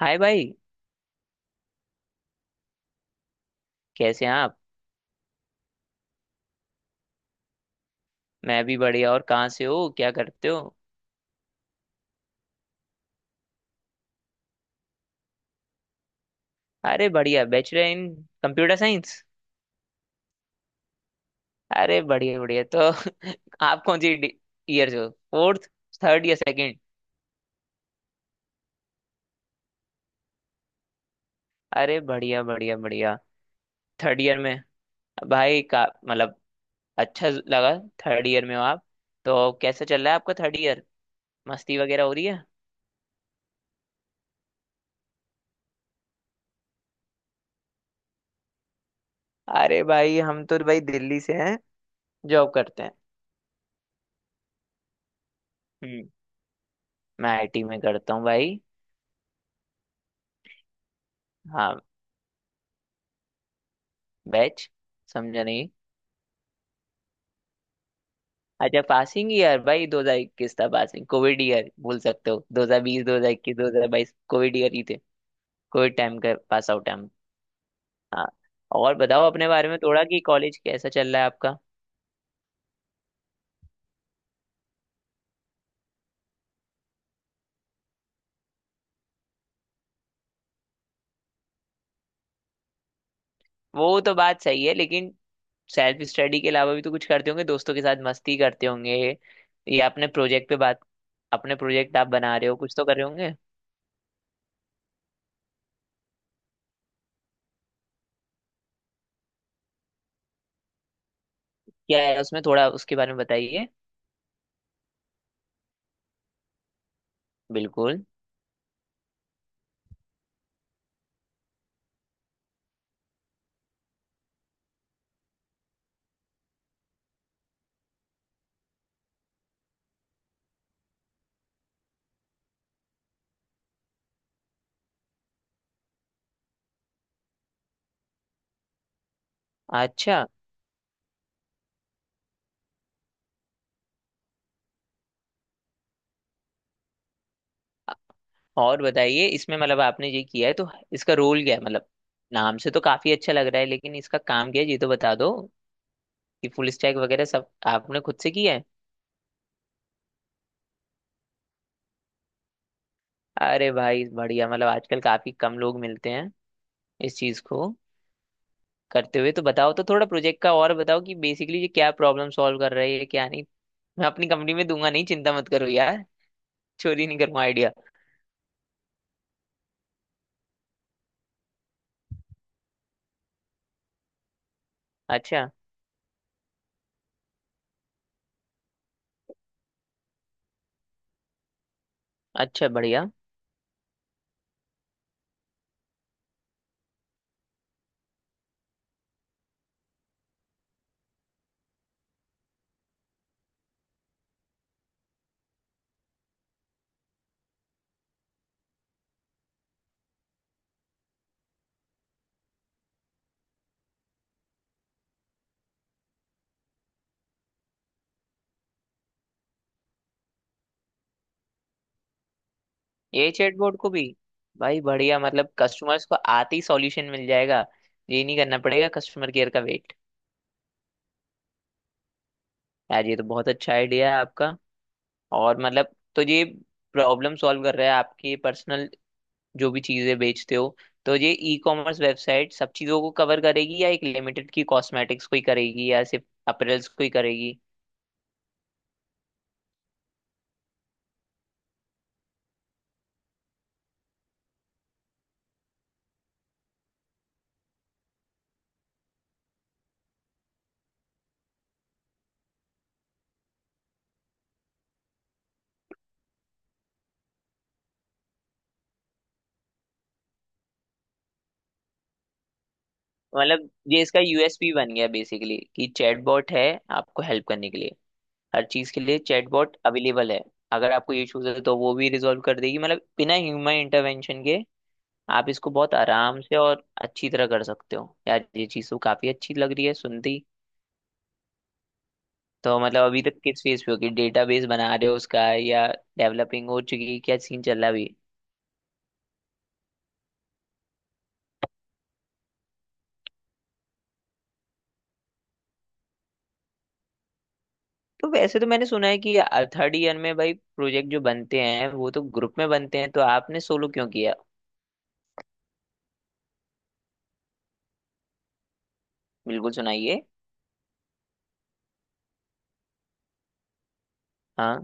हाय भाई। कैसे हैं आप? मैं भी बढ़िया। और कहाँ से हो, क्या करते हो? अरे बढ़िया, बैचलर इन कंप्यूटर साइंस। अरे बढ़िया बढ़िया। तो आप कौन सी ईयर से हो, फोर्थ, थर्ड या सेकंड? अरे बढ़िया बढ़िया बढ़िया, थर्ड ईयर में। भाई का मतलब अच्छा लगा। थर्ड ईयर में हो आप। तो कैसा चल रहा है आपका थर्ड ईयर, मस्ती वगैरह हो रही है? अरे भाई, हम तो भाई दिल्ली से हैं, जॉब करते हैं। हम्म, मैं आईटी में करता हूँ भाई। हाँ, बैच, समझा नहीं। अच्छा, पासिंग ईयर भाई 2021 था पासिंग। कोविड ईयर बोल सकते हो, 2020, 2021, 2022 कोविड ईयर ही थे। कोविड टाइम का पास आउट टाइम। हाँ। और बताओ अपने बारे में थोड़ा, कि कॉलेज कैसा चल रहा है आपका? वो तो बात सही है, लेकिन सेल्फ स्टडी के अलावा भी तो कुछ करते होंगे, दोस्तों के साथ मस्ती करते होंगे या अपने प्रोजेक्ट पे बात। अपने प्रोजेक्ट आप बना रहे हो, कुछ तो कर रहे होंगे। क्या है उसमें, थोड़ा उसके बारे में बताइए। बिल्कुल। अच्छा। और बताइए, इसमें मतलब आपने ये किया है तो इसका रोल क्या है मतलब? नाम से तो काफी अच्छा लग रहा है, लेकिन इसका काम क्या है ये तो बता दो, कि फुल स्टैक वगैरह सब आपने खुद से किया है? अरे भाई बढ़िया, मतलब आजकल काफी कम लोग मिलते हैं इस चीज को करते हुए। तो बताओ तो थोड़ा प्रोजेक्ट का, और बताओ कि बेसिकली ये क्या प्रॉब्लम सॉल्व कर रही है क्या नहीं। मैं अपनी कंपनी में दूंगा नहीं, चिंता मत करो यार, चोरी नहीं करूंगा आइडिया। अच्छा। अच्छा बढ़िया। ये चैटबॉट को भी! भाई बढ़िया, मतलब कस्टमर्स को आते ही सॉल्यूशन मिल जाएगा, ये नहीं करना पड़ेगा कस्टमर केयर का वेट। यार ये तो बहुत अच्छा आइडिया है आपका। और मतलब, तो ये प्रॉब्लम सॉल्व कर रहा है आपके पर्सनल जो भी चीजें बेचते हो। तो ये ई कॉमर्स वेबसाइट सब चीजों को कवर करेगी या एक लिमिटेड की कॉस्मेटिक्स को ही करेगी या सिर्फ अपरेल्स को ही करेगी? मतलब ये इसका यूएसपी बन गया बेसिकली, कि चैटबॉट है आपको हेल्प करने के लिए। हर चीज के लिए चैटबॉट अवेलेबल है। अगर आपको इश्यूज है तो वो भी रिजॉल्व कर देगी, मतलब बिना ह्यूमन इंटरवेंशन के आप इसको बहुत आराम से और अच्छी तरह कर सकते हो। यार ये चीज तो काफी अच्छी लग रही है सुनती। तो मतलब अभी तक किस फेज पे हो, कि डेटाबेस बना रहे हो उसका या डेवलपिंग हो चुकी है, क्या सीन चल रहा है अभी? तो वैसे तो मैंने सुना है कि थर्ड ईयर में भाई प्रोजेक्ट जो बनते हैं वो तो ग्रुप में बनते हैं, तो आपने सोलो क्यों किया? बिल्कुल सुनाइए। हाँ।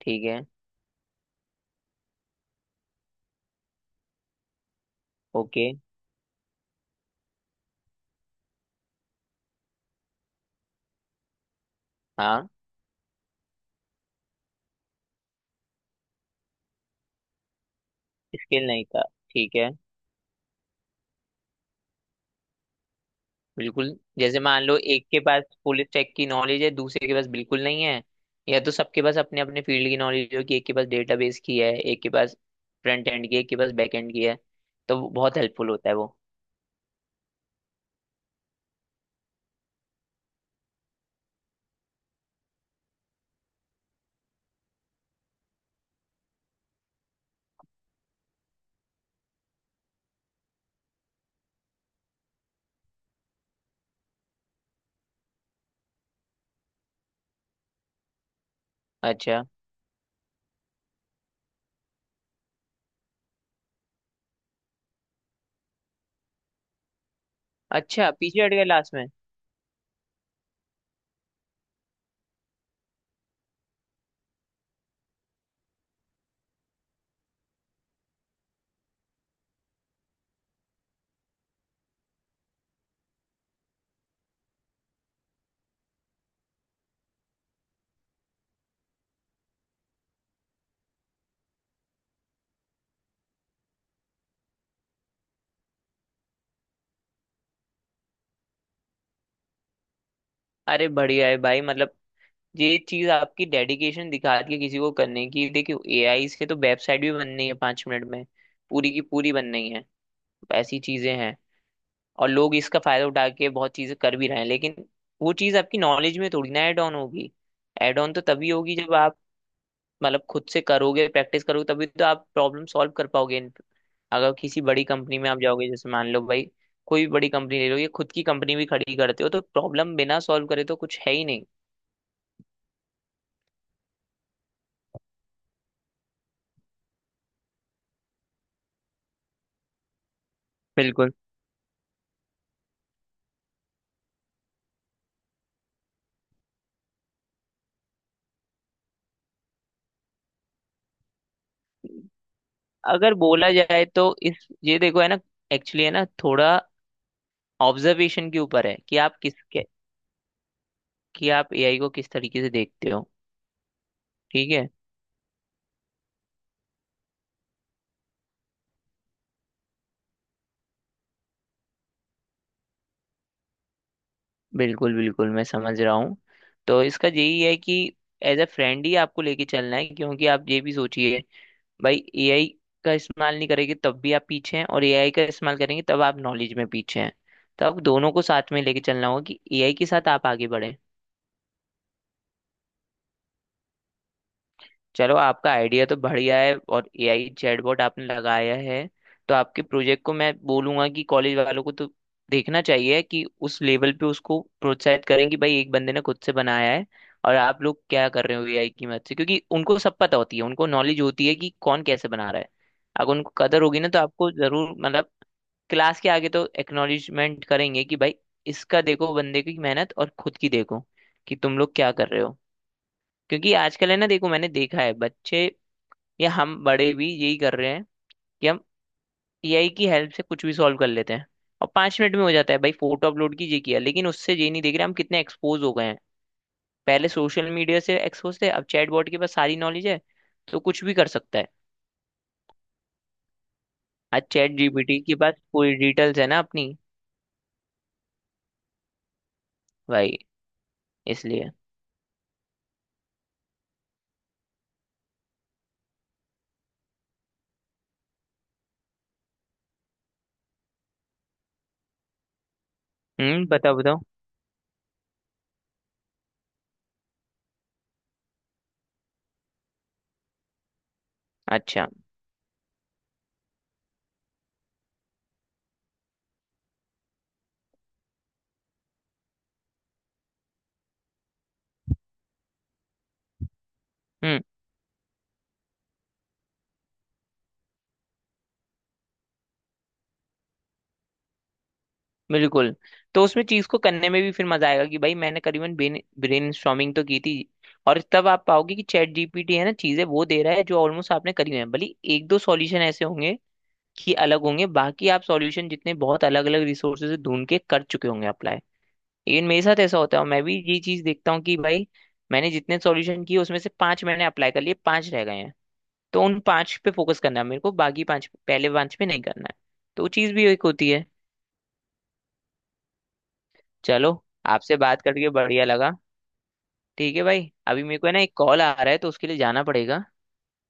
ठीक है। ओके। हाँ। स्किल नहीं था, ठीक है। बिल्कुल, जैसे मान लो एक के पास फुल स्टैक की नॉलेज है, दूसरे के पास बिल्कुल नहीं है। या तो सबके पास अपने अपने फील्ड की नॉलेज हो, कि एक के पास डेटाबेस की है, एक के पास फ्रंट एंड की है, एक के पास बैक एंड की है। तो वो बहुत हेल्पफुल होता है वो। अच्छा, अच्छा पीछे हट गया लास्ट में। अरे बढ़िया है भाई, मतलब ये चीज आपकी डेडिकेशन दिखाती है किसी को करने की। देखियो, एआई से तो वेबसाइट भी बन रही है 5 मिनट में, पूरी की पूरी बन रही है, ऐसी चीजें हैं। और लोग इसका फायदा उठा के बहुत चीजें कर भी रहे हैं, लेकिन वो चीज आपकी नॉलेज में थोड़ी ना ऐड ऑन होगी। ऐड ऑन तो तभी होगी जब आप मतलब खुद से करोगे, प्रैक्टिस करोगे, तभी तो आप प्रॉब्लम सॉल्व कर पाओगे। अगर किसी बड़ी कंपनी में आप जाओगे, जैसे मान लो भाई कोई भी बड़ी कंपनी ले लो, या खुद की कंपनी भी खड़ी करते हो, तो प्रॉब्लम बिना सॉल्व करे तो कुछ है ही नहीं। बिल्कुल। अगर बोला जाए तो इस ये देखो है ना, एक्चुअली है ना, थोड़ा ऑब्जर्वेशन के ऊपर है कि आप कि आप एआई को किस तरीके से देखते हो। ठीक है। बिल्कुल बिल्कुल, मैं समझ रहा हूँ। तो इसका यही है कि एज अ फ्रेंड ही आपको लेके चलना है, क्योंकि आप ये भी सोचिए भाई, एआई का इस्तेमाल नहीं करेंगे तब भी आप पीछे हैं, और एआई का इस्तेमाल करेंगे तब आप नॉलेज में पीछे हैं। तो आप दोनों को साथ में लेके चलना होगा कि एआई के साथ आप आगे बढ़े। चलो, आपका आइडिया तो बढ़िया है और एआई चैटबॉट आपने लगाया है। तो आपके प्रोजेक्ट को मैं बोलूंगा कि कॉलेज वालों को तो देखना चाहिए, कि उस लेवल पे उसको प्रोत्साहित करें कि भाई एक बंदे ने खुद से बनाया है, और आप लोग क्या कर रहे हो एआई की मदद से। क्योंकि उनको सब पता होती है, उनको नॉलेज होती है कि कौन कैसे बना रहा है। अगर उनको कदर होगी ना तो आपको जरूर मतलब क्लास के आगे तो एक्नॉलेजमेंट करेंगे कि भाई इसका देखो बंदे की मेहनत, और खुद की देखो कि तुम लोग क्या कर रहे हो। क्योंकि आजकल है ना, देखो मैंने देखा है बच्चे या हम बड़े भी यही कर रहे हैं कि हम एआई की हेल्प से कुछ भी सॉल्व कर लेते हैं, और 5 मिनट में हो जाता है भाई, फोटो अपलोड कीजिए, किया। लेकिन उससे ये नहीं देख रहे हम कितने एक्सपोज हो गए हैं। पहले सोशल मीडिया से एक्सपोज थे, अब चैटबॉट के पास सारी नॉलेज है, तो कुछ भी कर सकता है। आज चैट जीपीटी के पास पूरी डिटेल्स है ना अपनी, भाई इसलिए। हम्म, बताओ बताओ। अच्छा। हम्म। बिल्कुल। तो उसमें चीज को करने में भी फिर मजा आएगा कि भाई मैंने करीबन ब्रेन स्टॉर्मिंग तो की थी। और तब आप पाओगे कि चैट जीपीटी है ना चीजें वो दे रहा है जो ऑलमोस्ट आपने करी हुई है, भले एक दो सॉल्यूशन ऐसे होंगे कि अलग होंगे, बाकी आप सॉल्यूशन जितने बहुत अलग अलग रिसोर्सेज से ढूंढ के कर चुके होंगे अप्लाई। लेकिन मेरे साथ ऐसा होता है और मैं भी ये चीज देखता हूँ कि भाई मैंने जितने सॉल्यूशन किए उसमें से 5 मैंने अप्लाई कर लिए, 5 रह गए हैं। तो उन 5 पे फोकस करना है मेरे को, बाकी 5, पहले 5 पे नहीं करना है। तो वो चीज भी एक होती है। चलो, आपसे बात करके बढ़िया लगा। ठीक है भाई, अभी मेरे को ना एक कॉल आ रहा है तो उसके लिए जाना पड़ेगा।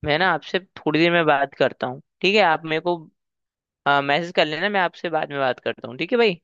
मैं ना आपसे थोड़ी देर में बात करता हूँ, ठीक है? आप मेरे को मैसेज कर लेना, मैं आपसे बाद में बात करता हूँ। ठीक है भाई।